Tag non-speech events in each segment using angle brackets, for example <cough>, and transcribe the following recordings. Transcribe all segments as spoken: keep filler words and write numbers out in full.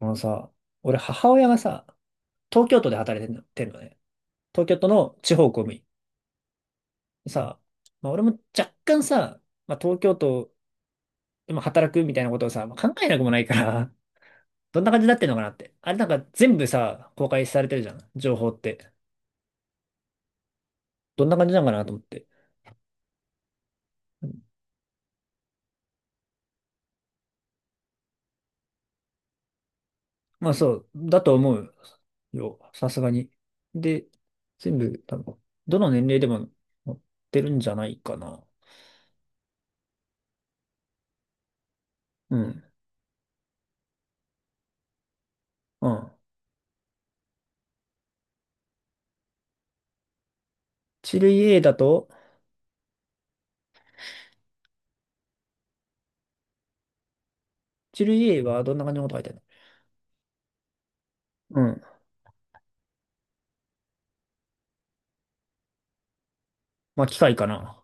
あのさ、俺母親がさ、東京都で働いてんの、てんのね。東京都の地方公務員。でさ、まあ、俺も若干さ、まあ、東京都でも働くみたいなことをさ、まあ、考えなくもないから、<laughs> どんな感じになってんのかなって。あれなんか全部さ、公開されてるじゃん、情報って。どんな感じなのかなと思って。うん、まあそうだと思うよ、さすがに。で、全部、多分、どの年齢でも載ってるんじゃないかな。うん。うん。一類 A だと、ジル イーエー はどんな感じのこと書いてあるの？うん。まあ、機械かな。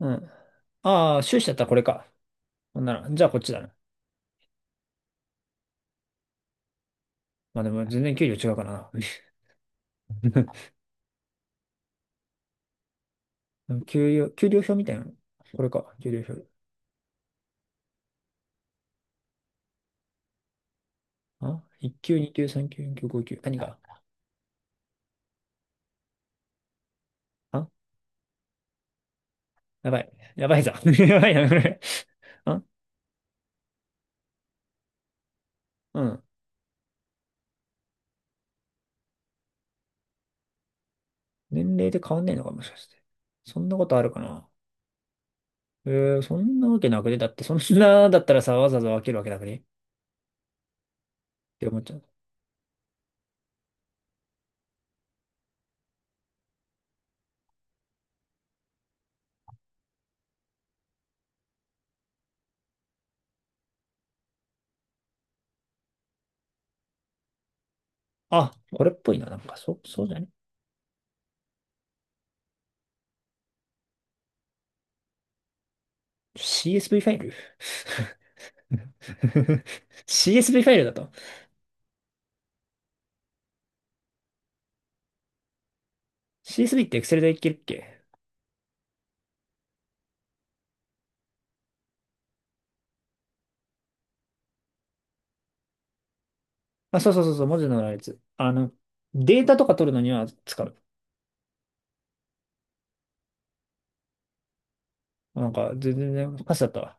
うん。ああ、収支だったらこれか。ほんなら、じゃあこっちだな。まあでも全然給料違うからな。<laughs> 給料、給料表みたいなの。これか、給料表。あ？ いっきゅう 級、にきゅう級、さんきゅう級、よんきゅう級、ごきゅう級。何が？あやばい。やばいぞ。<laughs> やばいな、これ。あ、うん。年齢で変わんねえのか、もしかして。そんなことあるかな。えー、そんなわけなくね？だって、そんなだったらさ、わざわざ分けるわけなくねって思っちゃう。あ、これっぽいな。なんか、そ、そうじゃね？ シーエスブイ ファイル？ <laughs> シーエスブイ ファイルだと。シーエスブイ って Excel でいけるっけ？あ、そうそうそうそう、文字の羅列。あの、データとか取るのには使う。なんか、全然ね、パスだったわ。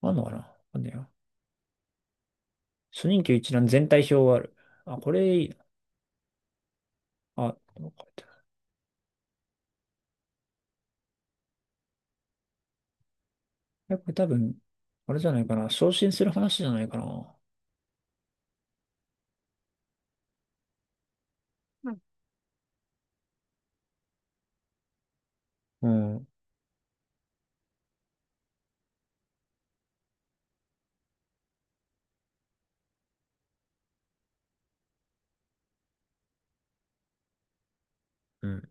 あんのかな、あんねや。初任給一覧全体表がある。あ、これいいな。あ、こうやって、えこれ多分、あれじゃないかな。昇進する話じゃないかな。うん。うん。うん。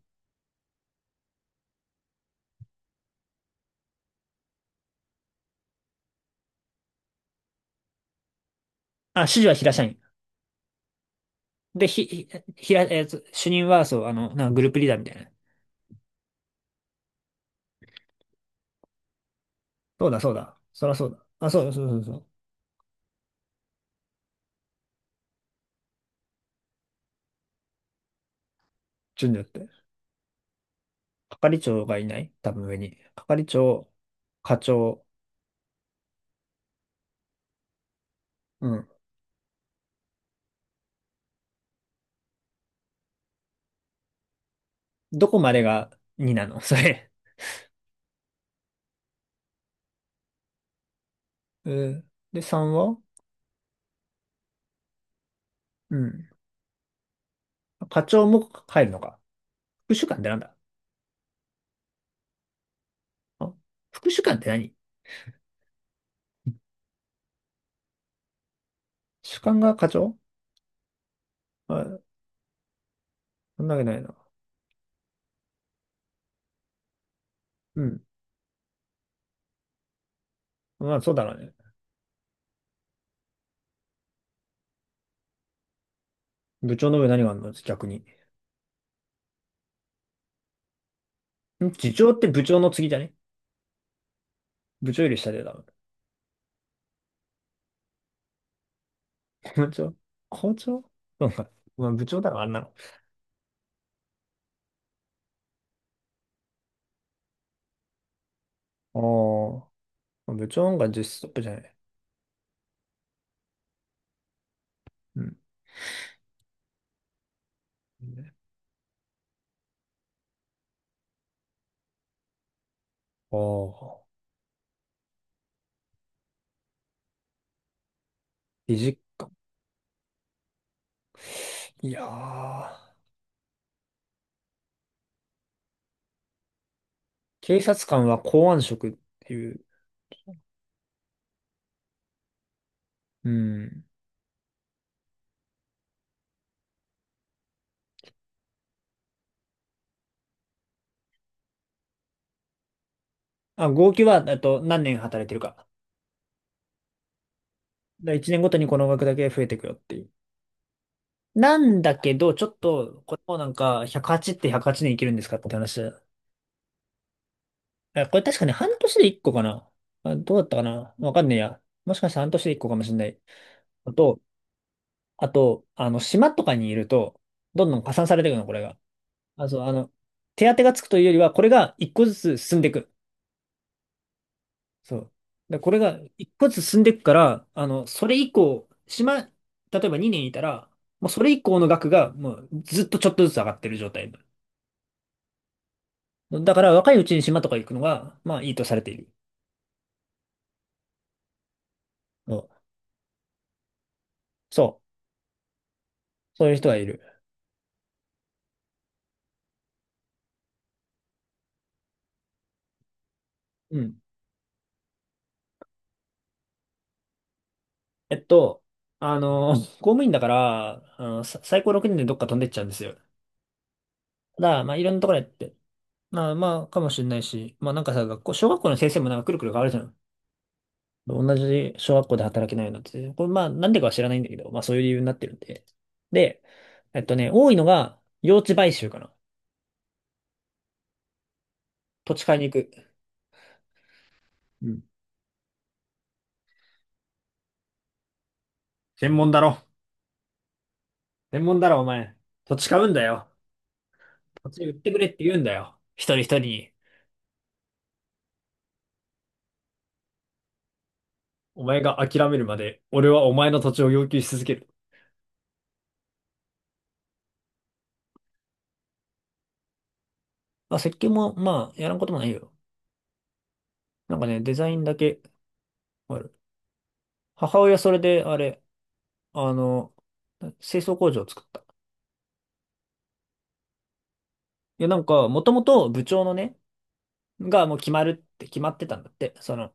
あ、指示は平社員。で、ひ、ひ、ひら、えーと主任は、そう、あの、なんかグループリーダーみたいな。そうだ、そうだ。そらそうだ。あ、そうだ、そうそうそう。順序って。係長がいない多分上に。係長、課長、うん。どこまでがになの？ <laughs> それ。えーで、さんは？うん。課長も帰るのか。副主幹ってなんだ？あ、副主幹って何？主幹が課長？あ、そんなわけないな。うん。まあ、そうだろうね。部長の上何があるの逆に。ん、次長って部長の次じゃね？部長より下でだろ。<laughs> 部長、課長、そうか。まあ、部長だろ、あんなの。ああ。まあ部長の方が実ストップじゃない。うん。おー、理事官。いやー、警察官は公安職っていう。うん。あ、合計は、えっと、何年働いてるか。だいちねんごとにこの額だけ増えてくよっていう。なんだけど、ちょっと、これもなんか、ひゃくはちってひゃくはちねん生きるんですかって話だ。えこれ確かね、半年でいっこかな。あ、どうだったかな。わかんねえや。もしかしたら半年でいっこかもしれない。あと、あと、あの、島とかにいると、どんどん加算されていくの、これが。あ、そう、あの、手当てがつくというよりは、これが一個ずつ進んでいく。そう。で、これが一個ずつ進んでいくから、あの、それ以降、島、例えばにねんいたら、もうそれ以降の額が、もうずっとちょっとずつ上がってる状態。だから、若いうちに島とか行くのが、まあ、いいとされている。そう。そう。そういう人がいる。うん。えっと、あの、公務員だから、あの、さ最高ろくねんでどっか飛んでっちゃうんですよ。ただ、まあ、いろんなところやって。まあまあ、かもしれないし、まあなんかさ、学校、小学校の先生もなんかくるくる変わるじゃん。同じ小学校で働けないのって、これまあなんでかは知らないんだけど、まあそういう理由になってるんで。で、えっとね、多いのが用地買収かな。土地買いに行く。うん。専門だろ。専門だろ、お前。土地買うんだよ。土地売ってくれって言うんだよ。一人一人に。お前が諦めるまで、俺はお前の土地を要求し続ける。まあ設計もまあやらんこともないよ。なんかね、デザインだけある。母親それであれ、あの、清掃工場を作った。いやなんか、もともと部長のね、がもう決まるって決まってたんだって。その、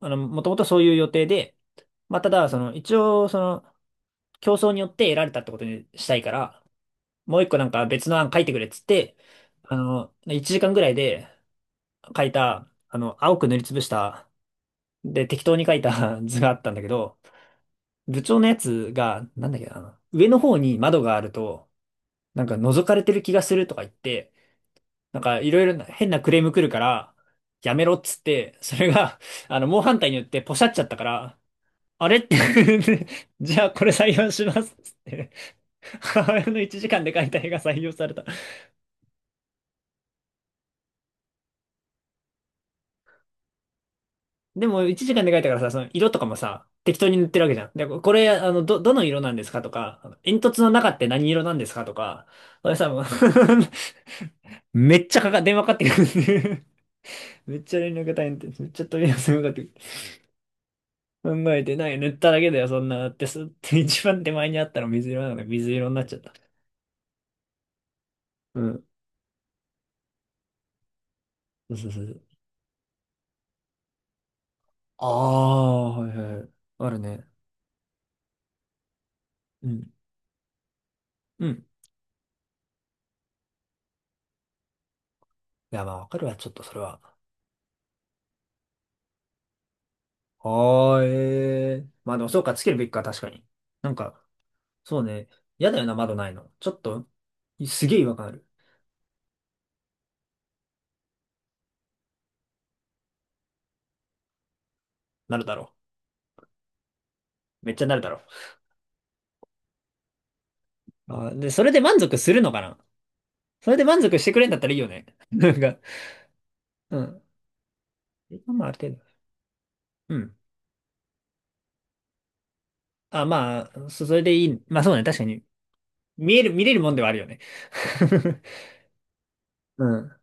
あの、もともとそういう予定で、まあ、ただ、その、一応、その、競争によって得られたってことにしたいから、もう一個なんか別の案書いてくれっつって、あの、いちじかんぐらいで書いた、あの、青く塗りつぶした、で、適当に書いた <laughs> 図があったんだけど、部長のやつが、なんだっけな、あの上の方に窓があると、なんか覗かれてる気がするとか言って、なんかいろいろな変なクレーム来るから、やめろっつって、それが、あの、猛反対によってポシャっちゃったから、あれって <laughs> じゃあこれ採用しますっつって、母親のいちじかんで描いた絵が採用された。でもいちじかんで描いたからさ、その色とかもさ、適当に塗ってるわけじゃん。で、これ、あの、ど、どの色なんですかとか、あの煙突の中って何色なんですかとか、俺さ、もう <laughs> めっちゃかか、電話かかってくるんで、めっちゃ連絡大変で、めっちゃ問い合わせがかかってくる。考えてない。塗っただけだよ、そんな。だってす、<laughs> 一番手前にあったの水色なので、水色になっちゃった。うん。そうそうそうそう。ああ、はいはい。あるね。うん。うん。いや、まあ、わかるわ、ちょっとそれは。ああ、ええ、まあでも、そうか、つけるべきか、確かに。なんか、そうね。嫌だよな、窓ないの。ちょっと、すげえ違和感ある。なるだろう。めっちゃなるだろう。あー、で、それで満足するのかな？それで満足してくれんだったらいいよね。<laughs> なんか、うん。まあ、ある程度。うん。あ、まあ、そそれでいい。まあそうね、確かに。見える、見れるもんではあるよね。<laughs> うん。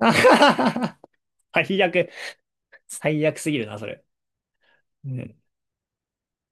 あはははは <laughs> 最悪。最悪すぎるな、それ。うん